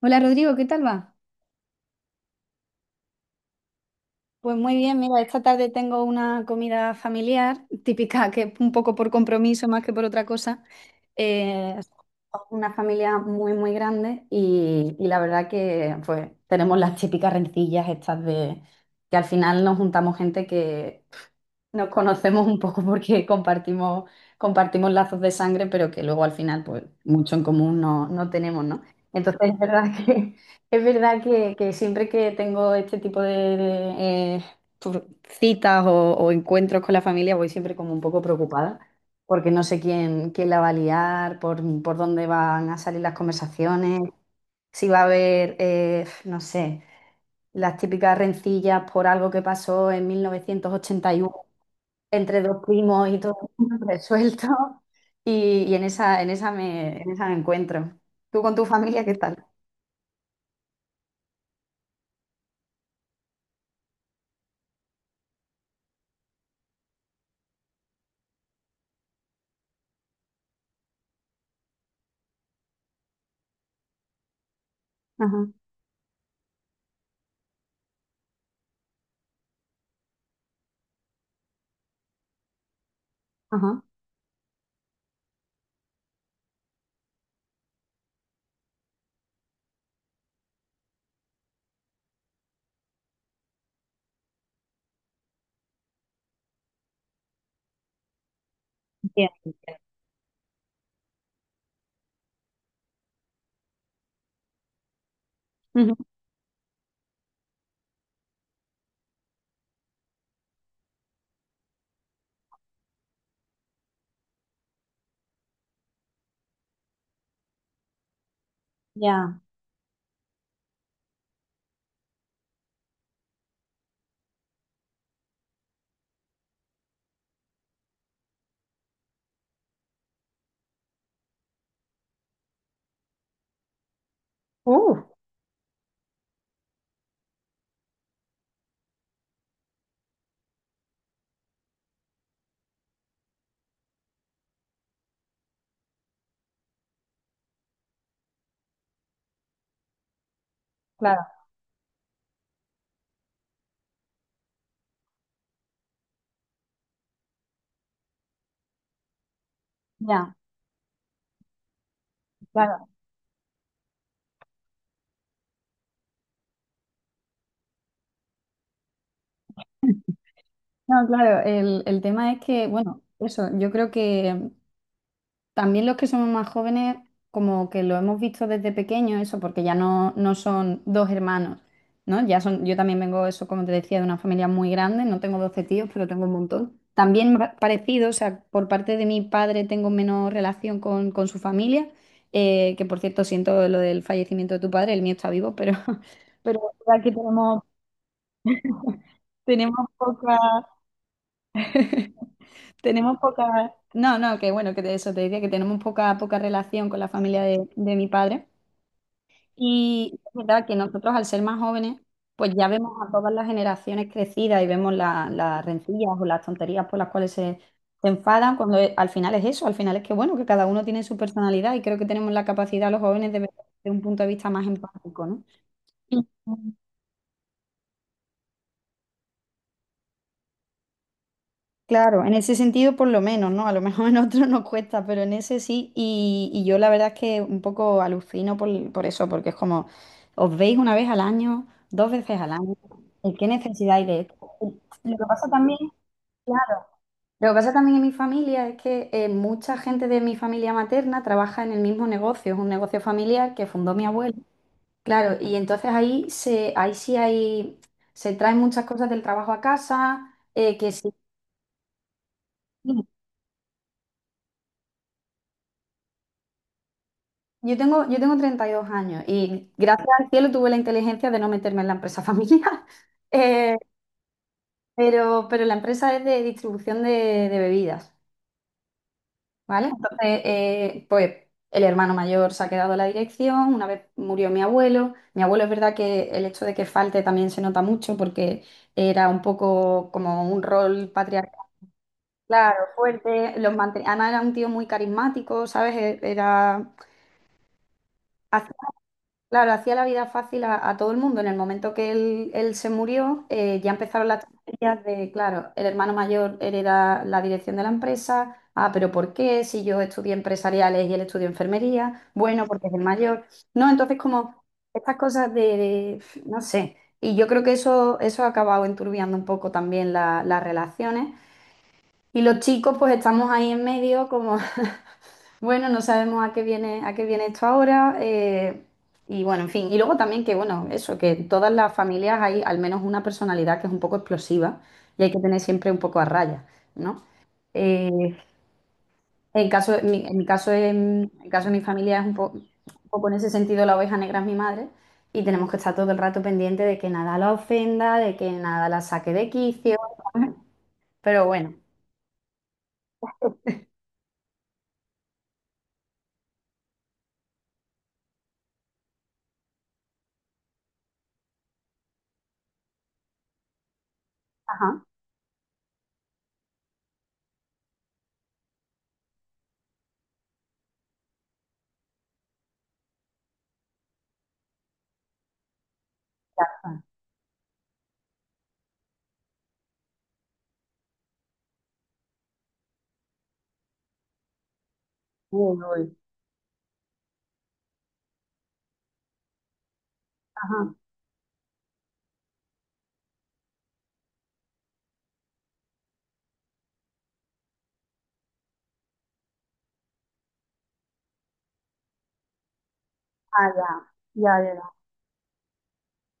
Hola Rodrigo, ¿qué tal va? Pues muy bien, mira, esta tarde tengo una comida familiar típica, que es un poco por compromiso más que por otra cosa. Eh, una familia muy, muy grande y la verdad que pues tenemos las típicas rencillas estas de que al final nos juntamos gente que nos conocemos un poco porque compartimos, compartimos lazos de sangre, pero que luego al final, pues, mucho en común no tenemos, ¿no? Entonces es verdad es verdad que siempre que tengo este tipo de citas o encuentros con la familia, voy siempre como un poco preocupada, porque no sé quién la va a liar, por dónde van a salir las conversaciones, si va a haber, no sé, las típicas rencillas por algo que pasó en 1981 entre dos primos y todo resuelto. Y en esa me encuentro. ¿Tú con tu familia qué tal? Ajá, ajá. Bien. Ujú. Ya. Uh, claro, ya, claro. No, claro, el tema es que, bueno, eso, yo creo que también los que somos más jóvenes, como que lo hemos visto desde pequeño, eso, porque ya no son dos hermanos, ¿no? Ya son, yo también vengo, eso, como te decía, de una familia muy grande, no tengo 12 tíos, pero tengo un montón. También parecido, o sea, por parte de mi padre tengo menos relación con su familia, que por cierto siento lo del fallecimiento de tu padre, el mío está vivo, pero pero aquí tenemos, tenemos poca… Tenemos poca, no, no, que bueno, que de eso te decía que tenemos poca, poca relación con la familia de mi padre. Y es verdad que nosotros al ser más jóvenes, pues ya vemos a todas las generaciones crecidas y vemos las rencillas o las tonterías por las cuales se enfadan, cuando al final es eso, al final es que bueno, que cada uno tiene su personalidad y creo que tenemos la capacidad los jóvenes de ver desde un punto de vista más empático, ¿no? Claro, en ese sentido por lo menos, ¿no? A lo mejor en otro nos cuesta, pero en ese sí. Y yo la verdad es que un poco alucino por eso, porque es como, os veis una vez al año, dos veces al año, ¿y qué necesidad hay de esto? Lo que pasa también, claro, lo que pasa también en mi familia es que mucha gente de mi familia materna trabaja en el mismo negocio, es un negocio familiar que fundó mi abuelo. Claro, y entonces ahí sí hay, se traen muchas cosas del trabajo a casa, que sí. Yo tengo 32 años y gracias al cielo tuve la inteligencia de no meterme en la empresa familiar. Eh, pero la empresa es de distribución de bebidas, ¿vale? Entonces, pues el hermano mayor se ha quedado a la dirección, una vez murió mi abuelo es verdad que el hecho de que falte también se nota mucho porque era un poco como un rol patriarcal, claro, fuerte, los además era un tío muy carismático, ¿sabes? Era… Claro, hacía la vida fácil a todo el mundo. En el momento que él se murió, ya empezaron las tonterías de, claro, el hermano mayor hereda la dirección de la empresa. Ah, pero ¿por qué? Si yo estudié empresariales y él estudió enfermería. Bueno, porque es el mayor. No, entonces como estas cosas de, no sé. Y yo creo que eso ha acabado enturbiando un poco también las relaciones. Y los chicos pues estamos ahí en medio como bueno, no sabemos a qué viene esto ahora, y bueno, en fin. Y luego también que, bueno, eso, que en todas las familias hay al menos una personalidad que es un poco explosiva y hay que tener siempre un poco a raya, ¿no? Eh, en mi caso, en caso de mi familia es un poco en ese sentido la oveja negra es mi madre y tenemos que estar todo el rato pendiente de que nada la ofenda, de que nada la saque de quicio. Pero bueno. Ajá. Ya está. Uy, uy. Ajá. Ah, ya. Ya, ya.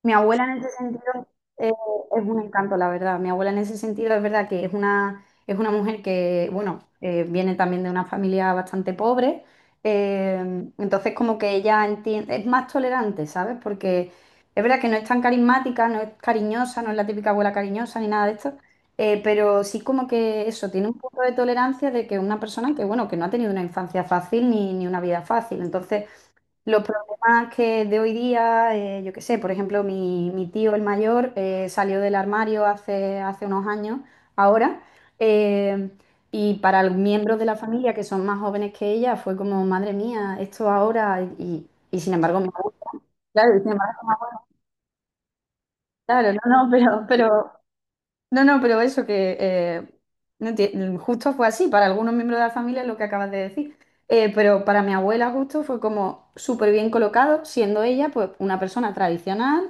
Mi abuela en ese sentido eh, es un encanto, la verdad. Mi abuela en ese sentido es verdad que es una mujer que, bueno, viene también de una familia bastante pobre, eh, entonces como que ella entiende, es más tolerante, ¿sabes? Porque es verdad que no es tan carismática, no es cariñosa, no es la típica abuela cariñosa ni nada de esto. Pero sí como que eso, tiene un punto de tolerancia de que una persona que, bueno, que no ha tenido una infancia fácil ni una vida fácil. Entonces… los problemas que de hoy día, yo qué sé, por ejemplo, mi tío, el mayor, salió del armario hace unos años, ahora, eh, y para los miembros de la familia que son más jóvenes que ella, fue como, madre mía, esto ahora, y sin embargo, mi abuela, claro, y sin embargo, mi abuela, claro, no, no, pero, no, no, pero eso que no enti- mm, justo fue así, para algunos miembros de la familia es lo que acabas de decir. Pero para mi abuela justo fue como súper bien colocado, siendo ella pues una persona tradicional,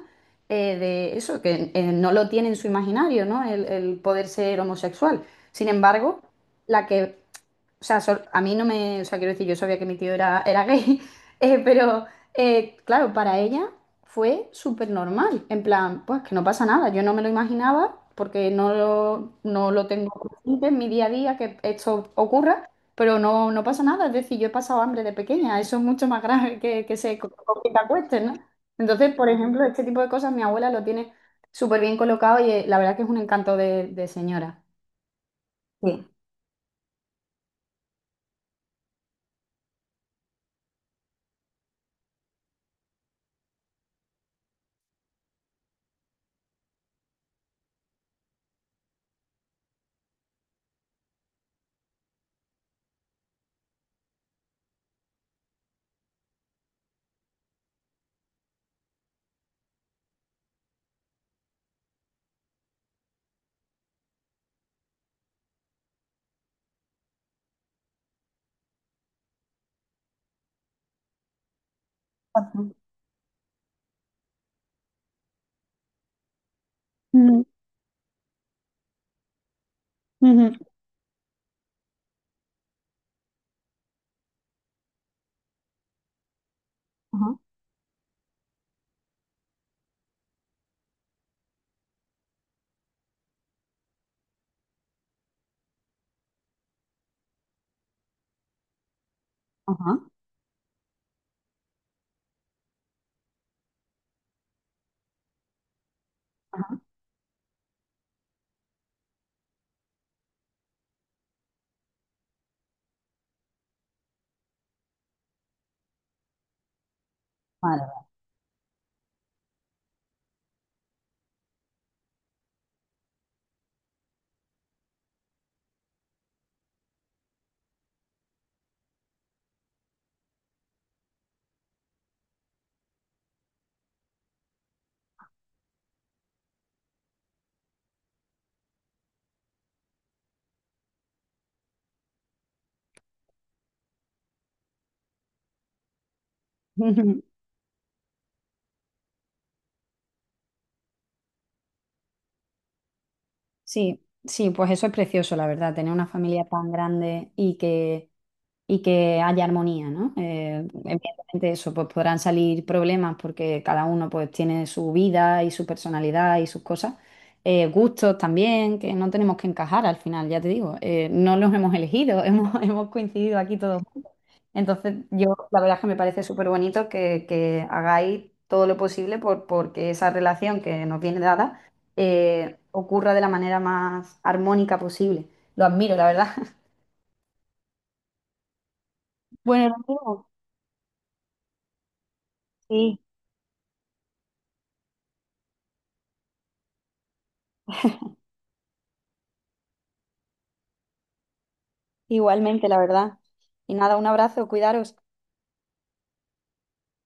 de eso, que no lo tiene en su imaginario, ¿no? El poder ser homosexual. Sin embargo, la que o sea, sol- a mí no me, o sea, quiero decir, yo sabía que mi tío era gay, pero claro, para ella fue súper normal, en plan, pues que no pasa nada, yo no me lo imaginaba porque no lo tengo consciente en mi día a día que esto ocurra, pero no, no pasa nada, es decir, yo he pasado hambre de pequeña, eso es mucho más grave que, que te acuesten, ¿no? Entonces, por ejemplo, este tipo de cosas mi abuela lo tiene súper bien colocado y la verdad que es un encanto de señora. Sí. Ujú, ujú. Ajá, vale, vale. Sí, sí, pues eso es precioso, la verdad, tener una familia tan grande y que haya armonía, ¿no? Evidentemente eso, pues podrán salir problemas porque cada uno pues tiene su vida y su personalidad y sus cosas. Gustos también, que no tenemos que encajar al final, ya te digo, no los hemos elegido, hemos coincidido aquí todos. Entonces, yo la verdad es que me parece súper bonito que hagáis todo lo posible por, porque esa relación que nos viene dada ocurra de la manera más armónica posible. Lo admiro, la verdad. Bueno, lo Sí, igualmente, la verdad. Y nada, un abrazo, cuidaros.